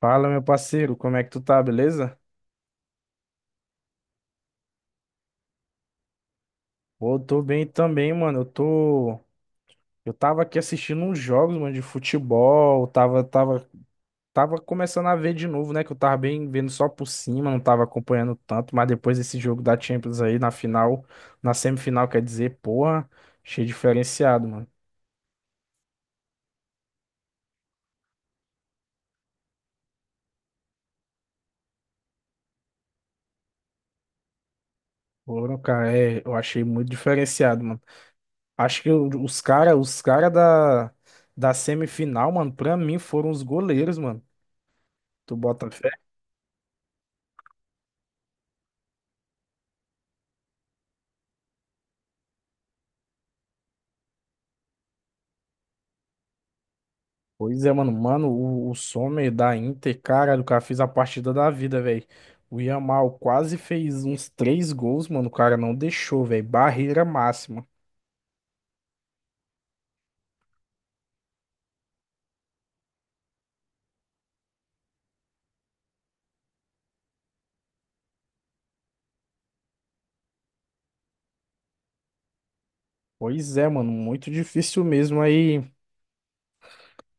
Fala, meu parceiro, como é que tu tá, beleza? Pô, eu tô bem também, mano. Eu tô. Eu tava aqui assistindo uns jogos, mano, de futebol. Tava começando a ver de novo, né? Que eu tava bem vendo só por cima, não tava acompanhando tanto. Mas depois desse jogo da Champions aí, na final, na semifinal, quer dizer, porra, achei diferenciado, mano. Foram, cara, é, eu achei muito diferenciado, mano. Acho que os cara, da semifinal, mano, pra mim foram os goleiros, mano. Tu bota. Pois é, mano. Mano, o Sommer da Inter, cara, do cara fez a partida da vida, velho. O Yamal quase fez uns três gols, mano. O cara não deixou, velho. Barreira máxima. Pois é, mano. Muito difícil mesmo aí.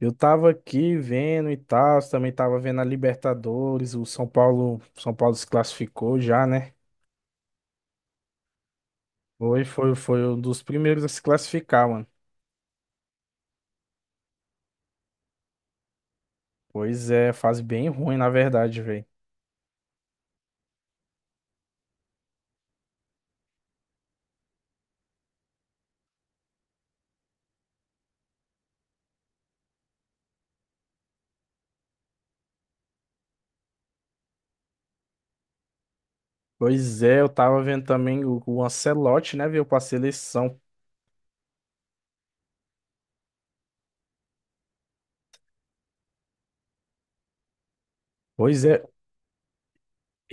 Eu tava aqui vendo e tal. Também tava vendo a Libertadores. São Paulo se classificou já, né? Foi um dos primeiros a se classificar, mano. Pois é, fase bem ruim, na verdade, velho. Pois é, eu tava vendo também o Ancelotti, né, veio pra seleção. Pois é,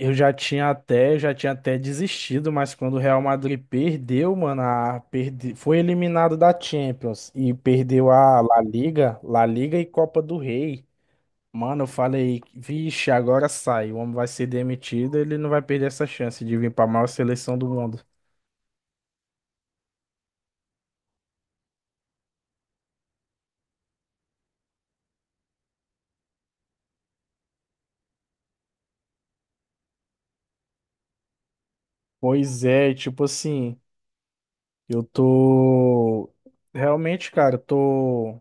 eu já tinha até desistido, mas quando o Real Madrid perdeu, mano, foi eliminado da Champions e perdeu a La Liga e Copa do Rei. Mano, eu falei, vixe, agora sai, o homem vai ser demitido, ele não vai perder essa chance de vir pra maior seleção do mundo. Pois é, tipo assim, eu tô realmente, cara, eu tô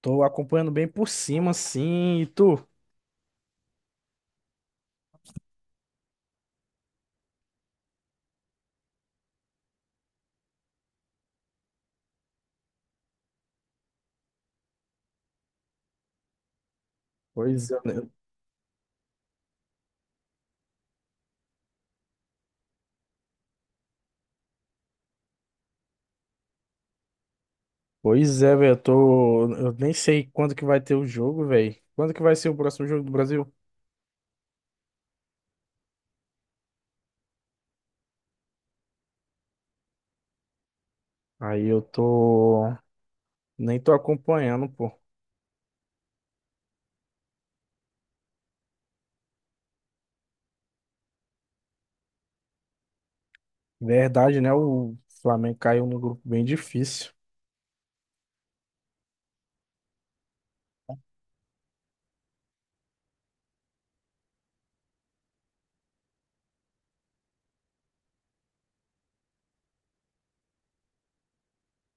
tô acompanhando bem por cima assim, e tu? Pois é. Pois é, velho, eu tô. Eu nem sei quando que vai ter o jogo, velho. Quando que vai ser o próximo jogo do Brasil? Aí eu tô. Nem tô acompanhando, pô. Verdade, né? O Flamengo caiu num grupo bem difícil.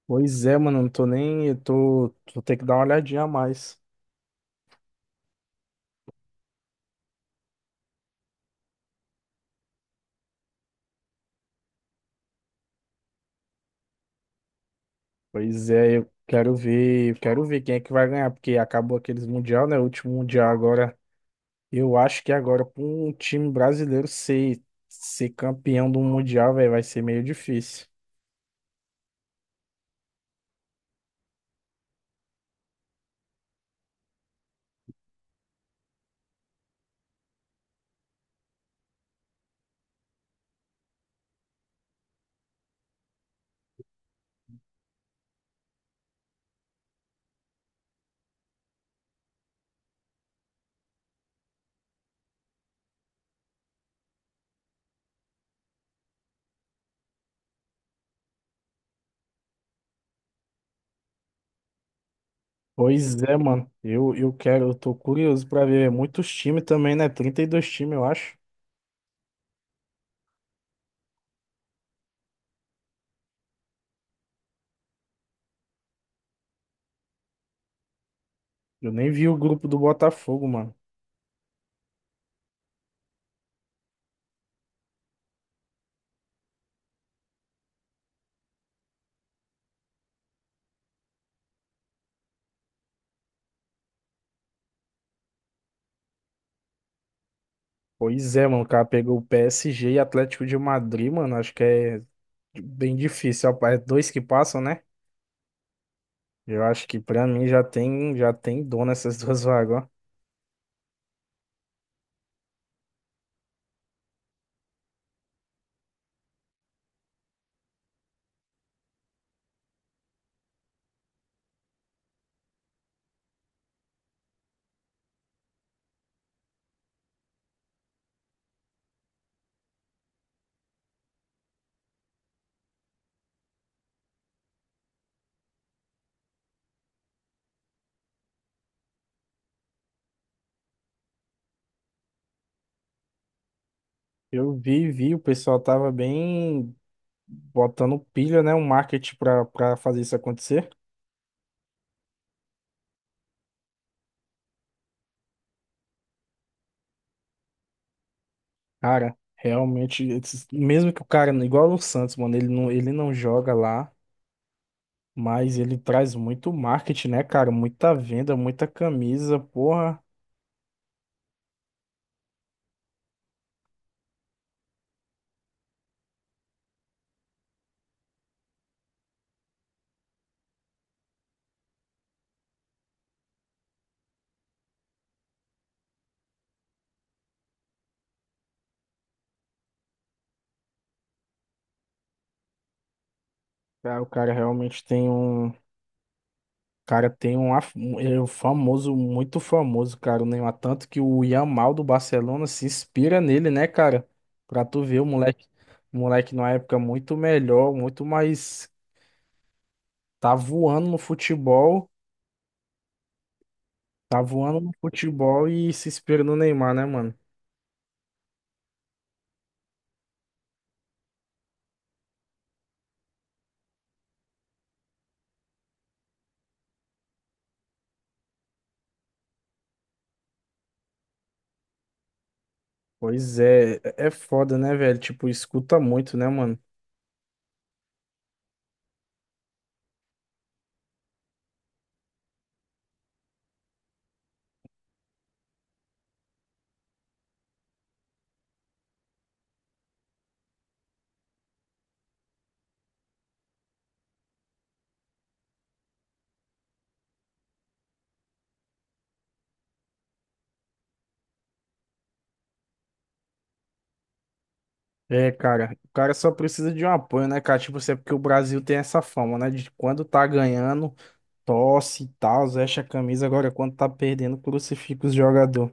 Pois é, mano, eu não tô nem. Eu tô. Vou ter que dar uma olhadinha a mais. Pois é, eu quero ver. Eu Quero ver quem é que vai ganhar, porque acabou aqueles Mundial, né? O último Mundial agora. Eu acho que agora, pra um time brasileiro ser, ser campeão do Mundial, velho, vai ser meio difícil. Pois é, mano. Eu quero, eu tô curioso pra ver muitos times também, né? 32 times, eu acho. Eu nem vi o grupo do Botafogo, mano. Pois é, mano. O cara pegou o PSG e Atlético de Madrid, mano. Acho que é bem difícil. Ó, é dois que passam, né? Eu acho que pra mim já tem dono essas duas vagas, ó. Vi, o pessoal tava bem botando pilha, né? Um marketing pra fazer isso acontecer. Cara, realmente, mesmo que o cara, igual o Santos, mano, ele não joga lá, mas ele traz muito marketing, né, cara? Muita venda, muita camisa, porra. Cara, o cara realmente tem um. O Cara, tem ele é um famoso, muito famoso, cara, o Neymar. Tanto que o Yamal do Barcelona se inspira nele, né, cara? Pra tu ver, o moleque numa época muito melhor, muito mais. Tá voando no futebol, tá voando no futebol e se inspira no Neymar, né, mano? Pois é, é foda, né, velho? Tipo, escuta muito, né, mano? É, cara, o cara só precisa de um apoio, né, cara? Tipo, assim, é porque o Brasil tem essa fama, né? De quando tá ganhando, tosse e tal, veste a camisa, agora quando tá perdendo, crucifica os jogador.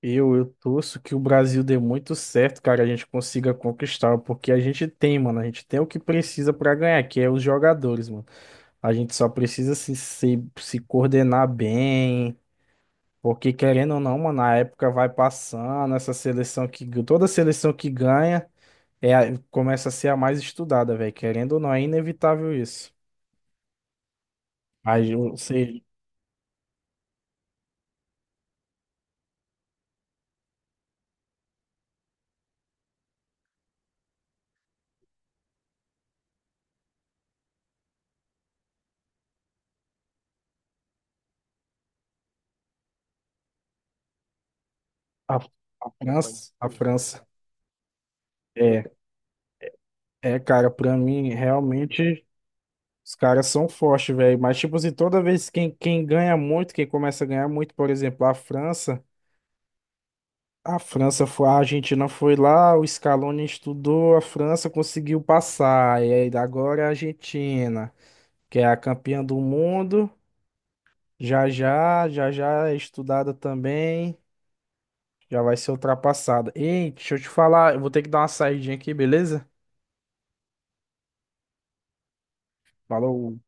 Eu torço que o Brasil dê muito certo, cara, a gente consiga conquistar, porque a gente tem, mano, a gente tem o que precisa pra ganhar, que é os jogadores, mano. A gente só precisa se coordenar bem. Porque querendo ou não, mano, a época vai passando, essa seleção que toda seleção que ganha começa a ser a mais estudada, velho. Querendo ou não, é inevitável isso. Aí você a, a a França é, é, cara, pra mim realmente os caras são fortes, velho. Mas tipo assim, toda vez quem ganha muito, quem começa a ganhar muito, por exemplo, a França, a Argentina foi lá, o Scaloni estudou, a França conseguiu passar, e aí agora é a Argentina. Que é a campeã do mundo. Já já é estudada também. Já vai ser ultrapassada. Ei, deixa eu te falar, eu vou ter que dar uma saidinha aqui, beleza? Falou.